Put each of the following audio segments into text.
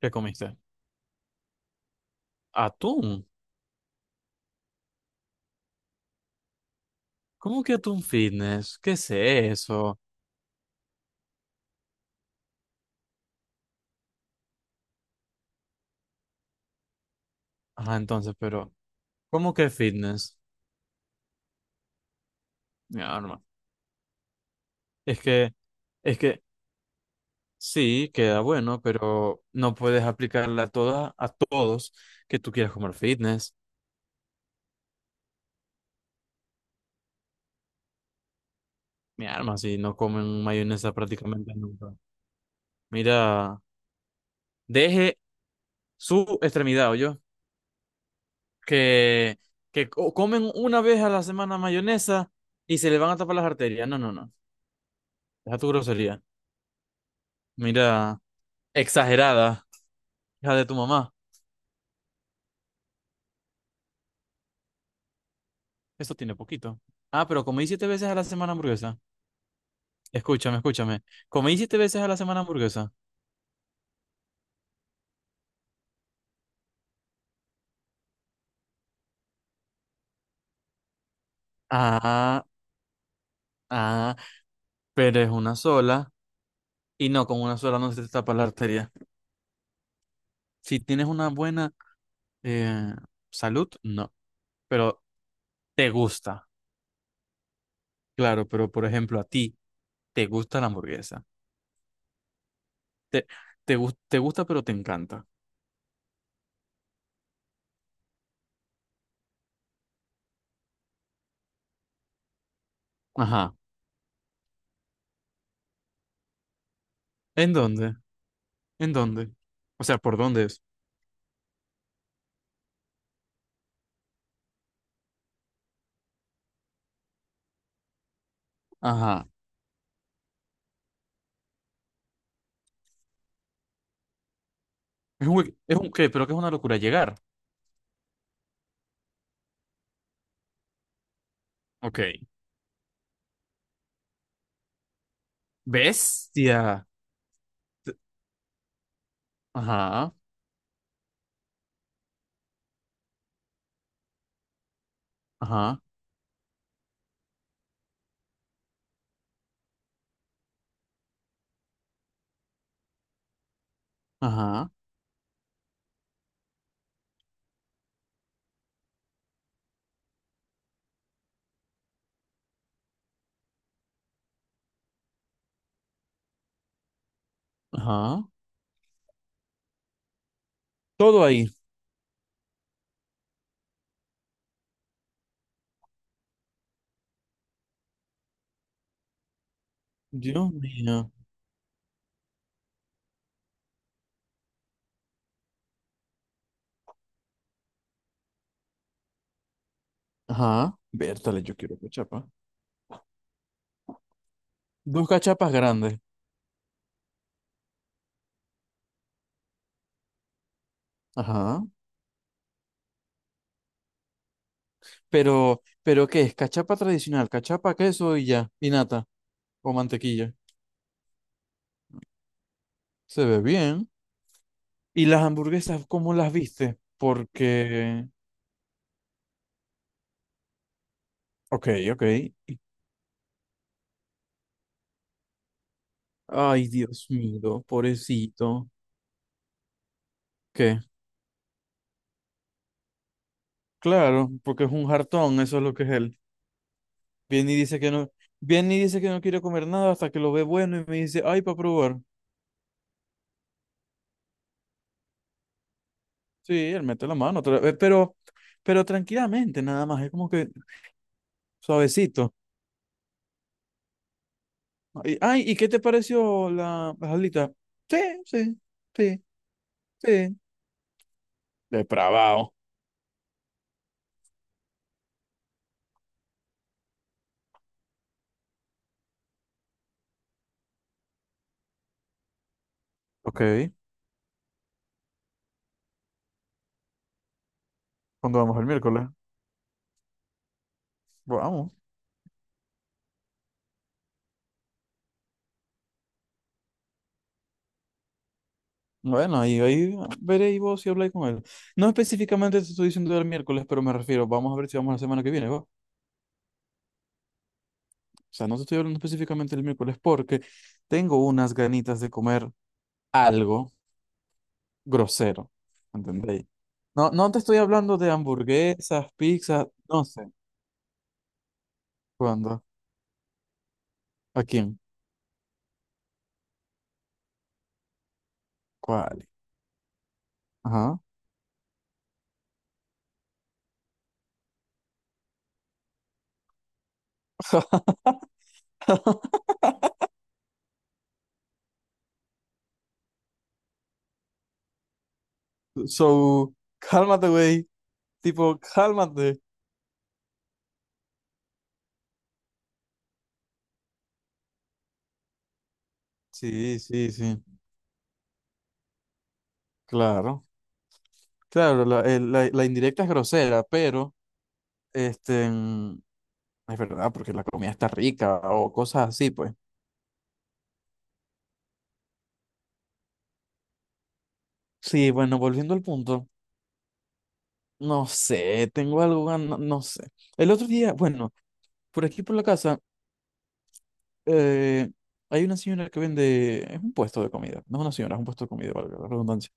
¿Qué comiste? ¿Atún? ¿Cómo que atún fitness? ¿Qué es eso? Ah, entonces, pero, ¿cómo que fitness? Ya, hermano. Es que, es que sí, queda bueno, pero no puedes aplicarla a todas, a todos que tú quieras comer fitness. Mi arma, si no comen mayonesa prácticamente nunca. Mira, deje su extremidad, yo Que, que comen una vez a la semana mayonesa y se le van a tapar las arterias. No, no, no. Deja tu grosería. Mira. Exagerada. Hija de tu mamá. Eso tiene poquito. Ah, pero comí siete veces a la semana hamburguesa. Escúchame, escúchame. Comí siete veces a la semana hamburguesa. Ah, ah, pero es una sola. Y no, con una sola no se te tapa la arteria. Si tienes una buena eh, salud, no. Pero te gusta. Claro, pero por ejemplo, a ti te gusta la hamburguesa. Te, te gusta, pero te encanta. Ajá. ¿En dónde? ¿En dónde? O sea, ¿por dónde es? Ajá. Es un qué, pero que es una locura llegar. Ok. Bestia. Ajá, ajá, ajá, ajá. Todo ahí. Dios mío. Ajá. Vértale, yo quiero cachapa. Dos cachapas grandes. Ajá. Pero ¿qué es? Cachapa tradicional, cachapa, queso y ya. Y nata o mantequilla. Se ve bien. ¿Y las hamburguesas, cómo las viste? Porque... Ok, ok. Ay, Dios mío, pobrecito. ¿Qué? Claro, porque es un jartón, eso es lo que es él. Viene y dice que no, viene y dice que no quiere comer nada hasta que lo ve bueno y me dice, ay, para probar. Sí, él mete la mano otra vez, pero tranquilamente, nada más, es como que suavecito. Ay, ay, ¿y qué te pareció la jalita? Sí, sí, sí, sí. Depravado. Ok, ¿cuándo vamos el miércoles? Vamos. Bueno, ahí veréis vos si habláis con él. No específicamente te estoy diciendo el miércoles, pero me refiero, vamos a ver si vamos la semana que viene, ¿va? O sea, no te estoy hablando específicamente el miércoles porque tengo unas ganitas de comer algo grosero, ¿entendéis? No, no te estoy hablando de hamburguesas, pizzas, no sé. ¿Cuándo? ¿A quién? ¿Cuál? Ajá. So, cálmate, güey. Tipo, cálmate. Sí, sí, sí. Claro. Claro, la indirecta es grosera, pero este es verdad, porque la comida está rica o cosas así, pues. Sí, bueno, volviendo al punto. No sé, tengo algo, no sé. El otro día, bueno, por aquí por la casa, eh, hay una señora que vende, es un puesto de comida, no es una señora, es un puesto de comida, valga la redundancia,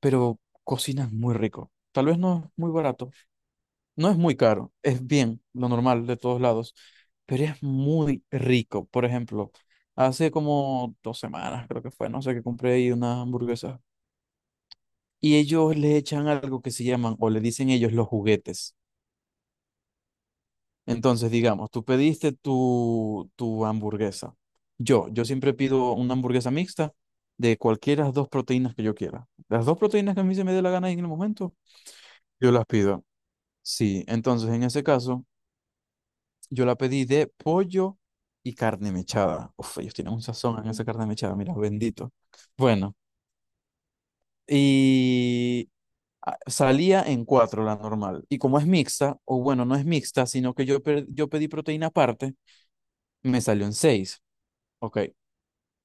pero cocina muy rico. Tal vez no es muy barato, no es muy caro, es bien, lo normal de todos lados, pero es muy rico. Por ejemplo, hace como 2 semanas, creo que fue, no sé, que compré ahí unas hamburguesas y ellos le echan algo que se llaman, o le dicen ellos los juguetes. Entonces, digamos, tú pediste tu hamburguesa. Yo siempre pido una hamburguesa mixta de cualquiera de las dos proteínas que yo quiera. Las dos proteínas que a mí se me dé la gana en el momento, yo las pido. Sí, entonces en ese caso, yo la pedí de pollo y carne mechada. Uf, ellos tienen un sazón en esa carne mechada, mira, bendito. Bueno, y salía en cuatro la normal. Y como es mixta, o bueno, no es mixta, sino que yo pedí proteína aparte, me salió en seis. Ok.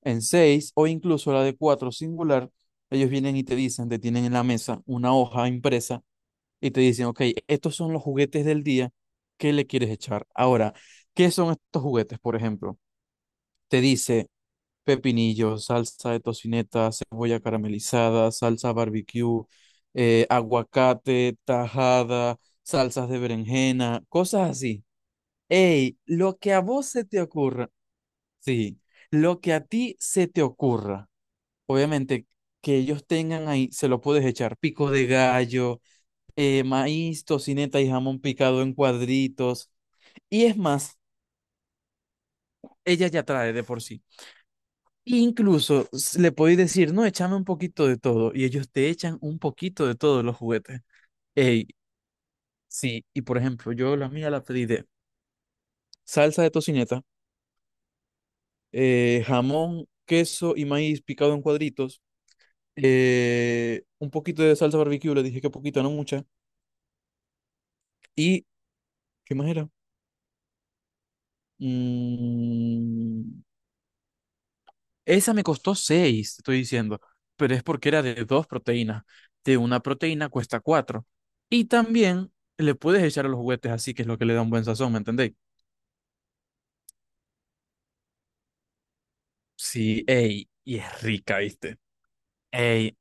En seis o incluso la de cuatro singular, ellos vienen y te dicen, te tienen en la mesa una hoja impresa y te dicen, ok, estos son los juguetes del día, ¿qué le quieres echar? Ahora, ¿qué son estos juguetes, por ejemplo? Te dice pepinillo, salsa de tocineta, cebolla caramelizada, salsa barbecue, aguacate, tajada, salsas de berenjena, cosas así. Ey, lo que a vos se te ocurra, sí, lo que a ti se te ocurra. Obviamente, que ellos tengan ahí, se lo puedes echar pico de gallo, maíz, tocineta y jamón picado en cuadritos. Y es más, ella ya trae de por sí. Incluso le podéis decir, no, échame un poquito de todo. Y ellos te echan un poquito de todos los juguetes. Ey, sí, y por ejemplo, yo la mía la pedí de salsa de tocineta, jamón, queso y maíz picado en cuadritos, un poquito de salsa barbecue, le dije que poquito, no mucha. ¿Y qué más era? Mm, esa me costó 6, estoy diciendo, pero es porque era de dos proteínas. De una proteína cuesta 4. Y también le puedes echar a los juguetes así, que es lo que le da un buen sazón, ¿me entendéis? Sí, ey, y es rica, ¿viste? Ey,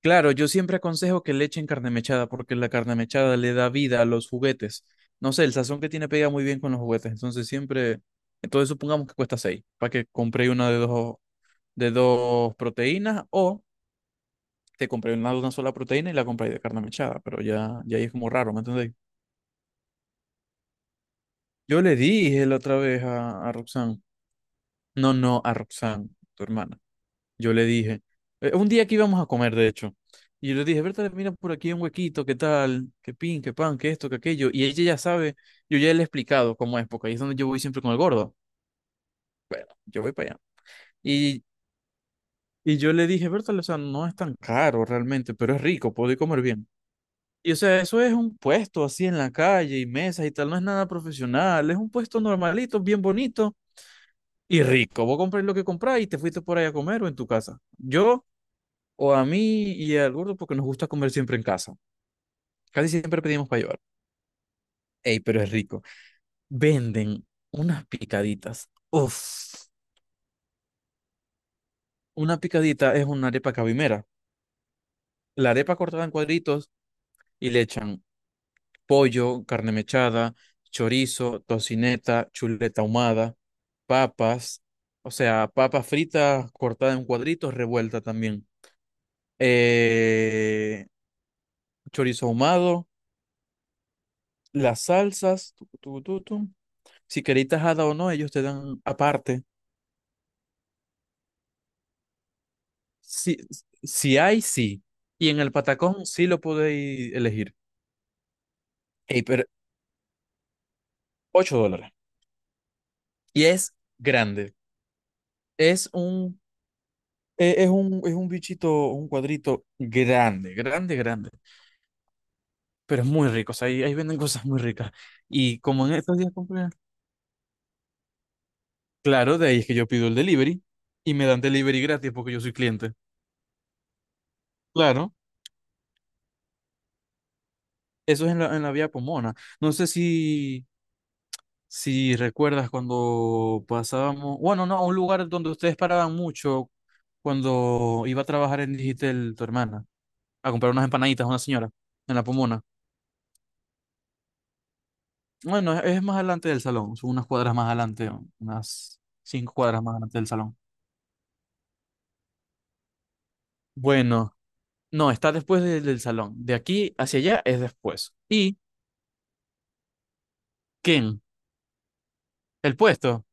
claro, yo siempre aconsejo que le echen carne mechada porque la carne mechada le da vida a los juguetes. No sé, el sazón que tiene pega muy bien con los juguetes, entonces siempre... Entonces supongamos que cuesta 6, para que compré una de dos proteínas o te compré una, sola proteína y la compré de carne mechada, pero ya ahí es como raro, ¿me entendéis? Yo le dije la otra vez a, Roxanne, no, no, a Roxanne, tu hermana, yo le dije, un día que íbamos a comer, de hecho, y yo le dije, Berta, mira por aquí un huequito, qué tal, qué pin, qué pan, qué esto, qué aquello, y ella ya sabe, yo ya le he explicado cómo es, porque ahí es donde yo voy siempre con el gordo, bueno, yo voy para allá, y, y yo le dije, Berta, o sea, no es tan caro realmente, pero es rico, puedo ir a comer bien. Y o sea, eso es un puesto así en la calle y mesas y tal, no es nada profesional, es un puesto normalito, bien bonito y rico. Vos comprás lo que comprás y te fuiste por ahí a comer o en tu casa. Yo o a mí y al gordo porque nos gusta comer siempre en casa. Casi siempre pedimos para llevar. Ey, pero es rico. Venden unas picaditas. Uf, una picadita es una arepa cabimera. La arepa cortada en cuadritos y le echan pollo, carne mechada, chorizo, tocineta, chuleta ahumada, papas, o sea, papas fritas cortadas en cuadritos, revuelta también. Eh, chorizo ahumado, las salsas, tu, tu, tu, tu. Si queréis tajada o no, ellos te dan aparte. Si, si hay, sí. Y en el patacón sí lo podéis elegir. Ey, pero $8. Y es grande. Es un es un bichito, un cuadrito grande, grande, grande, pero es muy rico, o sea, ahí venden cosas muy ricas. Y como en estos días compré, claro, de ahí es que yo pido el delivery y me dan delivery gratis porque yo soy cliente. Claro, eso es en la vía Pomona. No sé si recuerdas cuando pasábamos, bueno, no, a un lugar donde ustedes paraban mucho cuando iba a trabajar en Digitel, tu hermana, a comprar unas empanaditas a una señora en la Pomona. Bueno, es más adelante del salón, son unas cuadras más adelante, unas 5 cuadras más adelante del salón. Bueno, no, está después del salón. De aquí hacia allá es después. ¿Y quién? El puesto.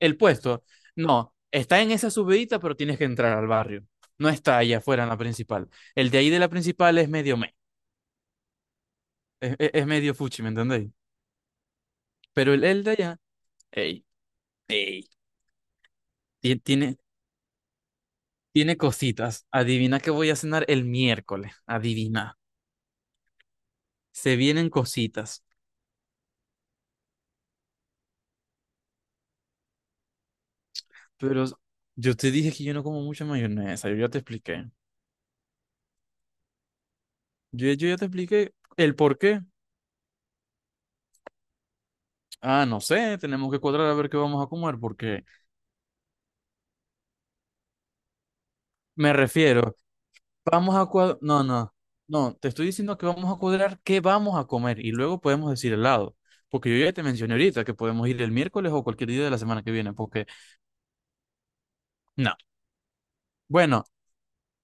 El puesto. No, está en esa subidita, pero tienes que entrar al barrio. No está allá afuera en la principal. El de ahí de la principal es medio fuchi, ¿me entendéis? Pero el de allá, ey, ey, ti- tiene, tiene cositas. Adivina que voy a cenar el miércoles. Adivina. Se vienen cositas. Pero yo te dije que yo no como mucha mayonesa, yo ya te expliqué. Yo ya te expliqué el por qué. Ah, no sé, tenemos que cuadrar a ver qué vamos a comer, porque me refiero, vamos a cuadrar, no, no, no, te estoy diciendo que vamos a cuadrar qué vamos a comer y luego podemos decir helado, porque yo ya te mencioné ahorita que podemos ir el miércoles o cualquier día de la semana que viene, porque no, bueno,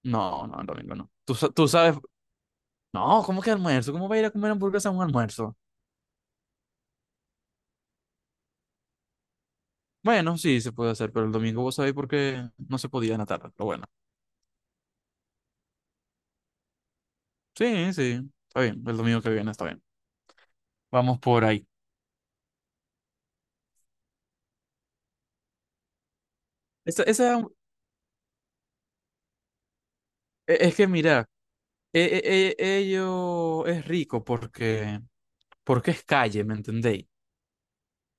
no, no, el domingo no. Tú sabes, no, ¿cómo que almuerzo? ¿Cómo va a ir a comer hamburguesa a un almuerzo? Bueno, sí, se puede hacer, pero el domingo vos sabéis por qué no se podía en la tarde. Pero bueno, sí, sí, está bien. El domingo que viene está bien. Vamos por ahí. Esa, esa, es que mira, ello es rico porque, porque es calle, ¿me entendéis?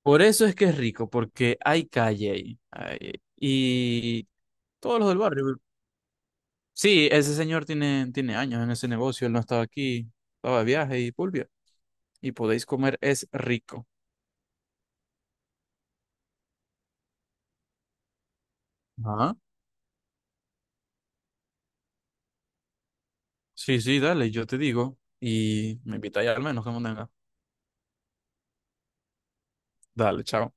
Por eso es que es rico, porque hay calle ahí. Ay, y todos los del barrio. Sí, ese señor tiene años en ese negocio, él no estaba aquí, estaba de viaje y pulvia. Y podéis comer, es rico. Ajá. Sí, sí, dale, yo te digo y me invitáis al menos que venga, dale, chao.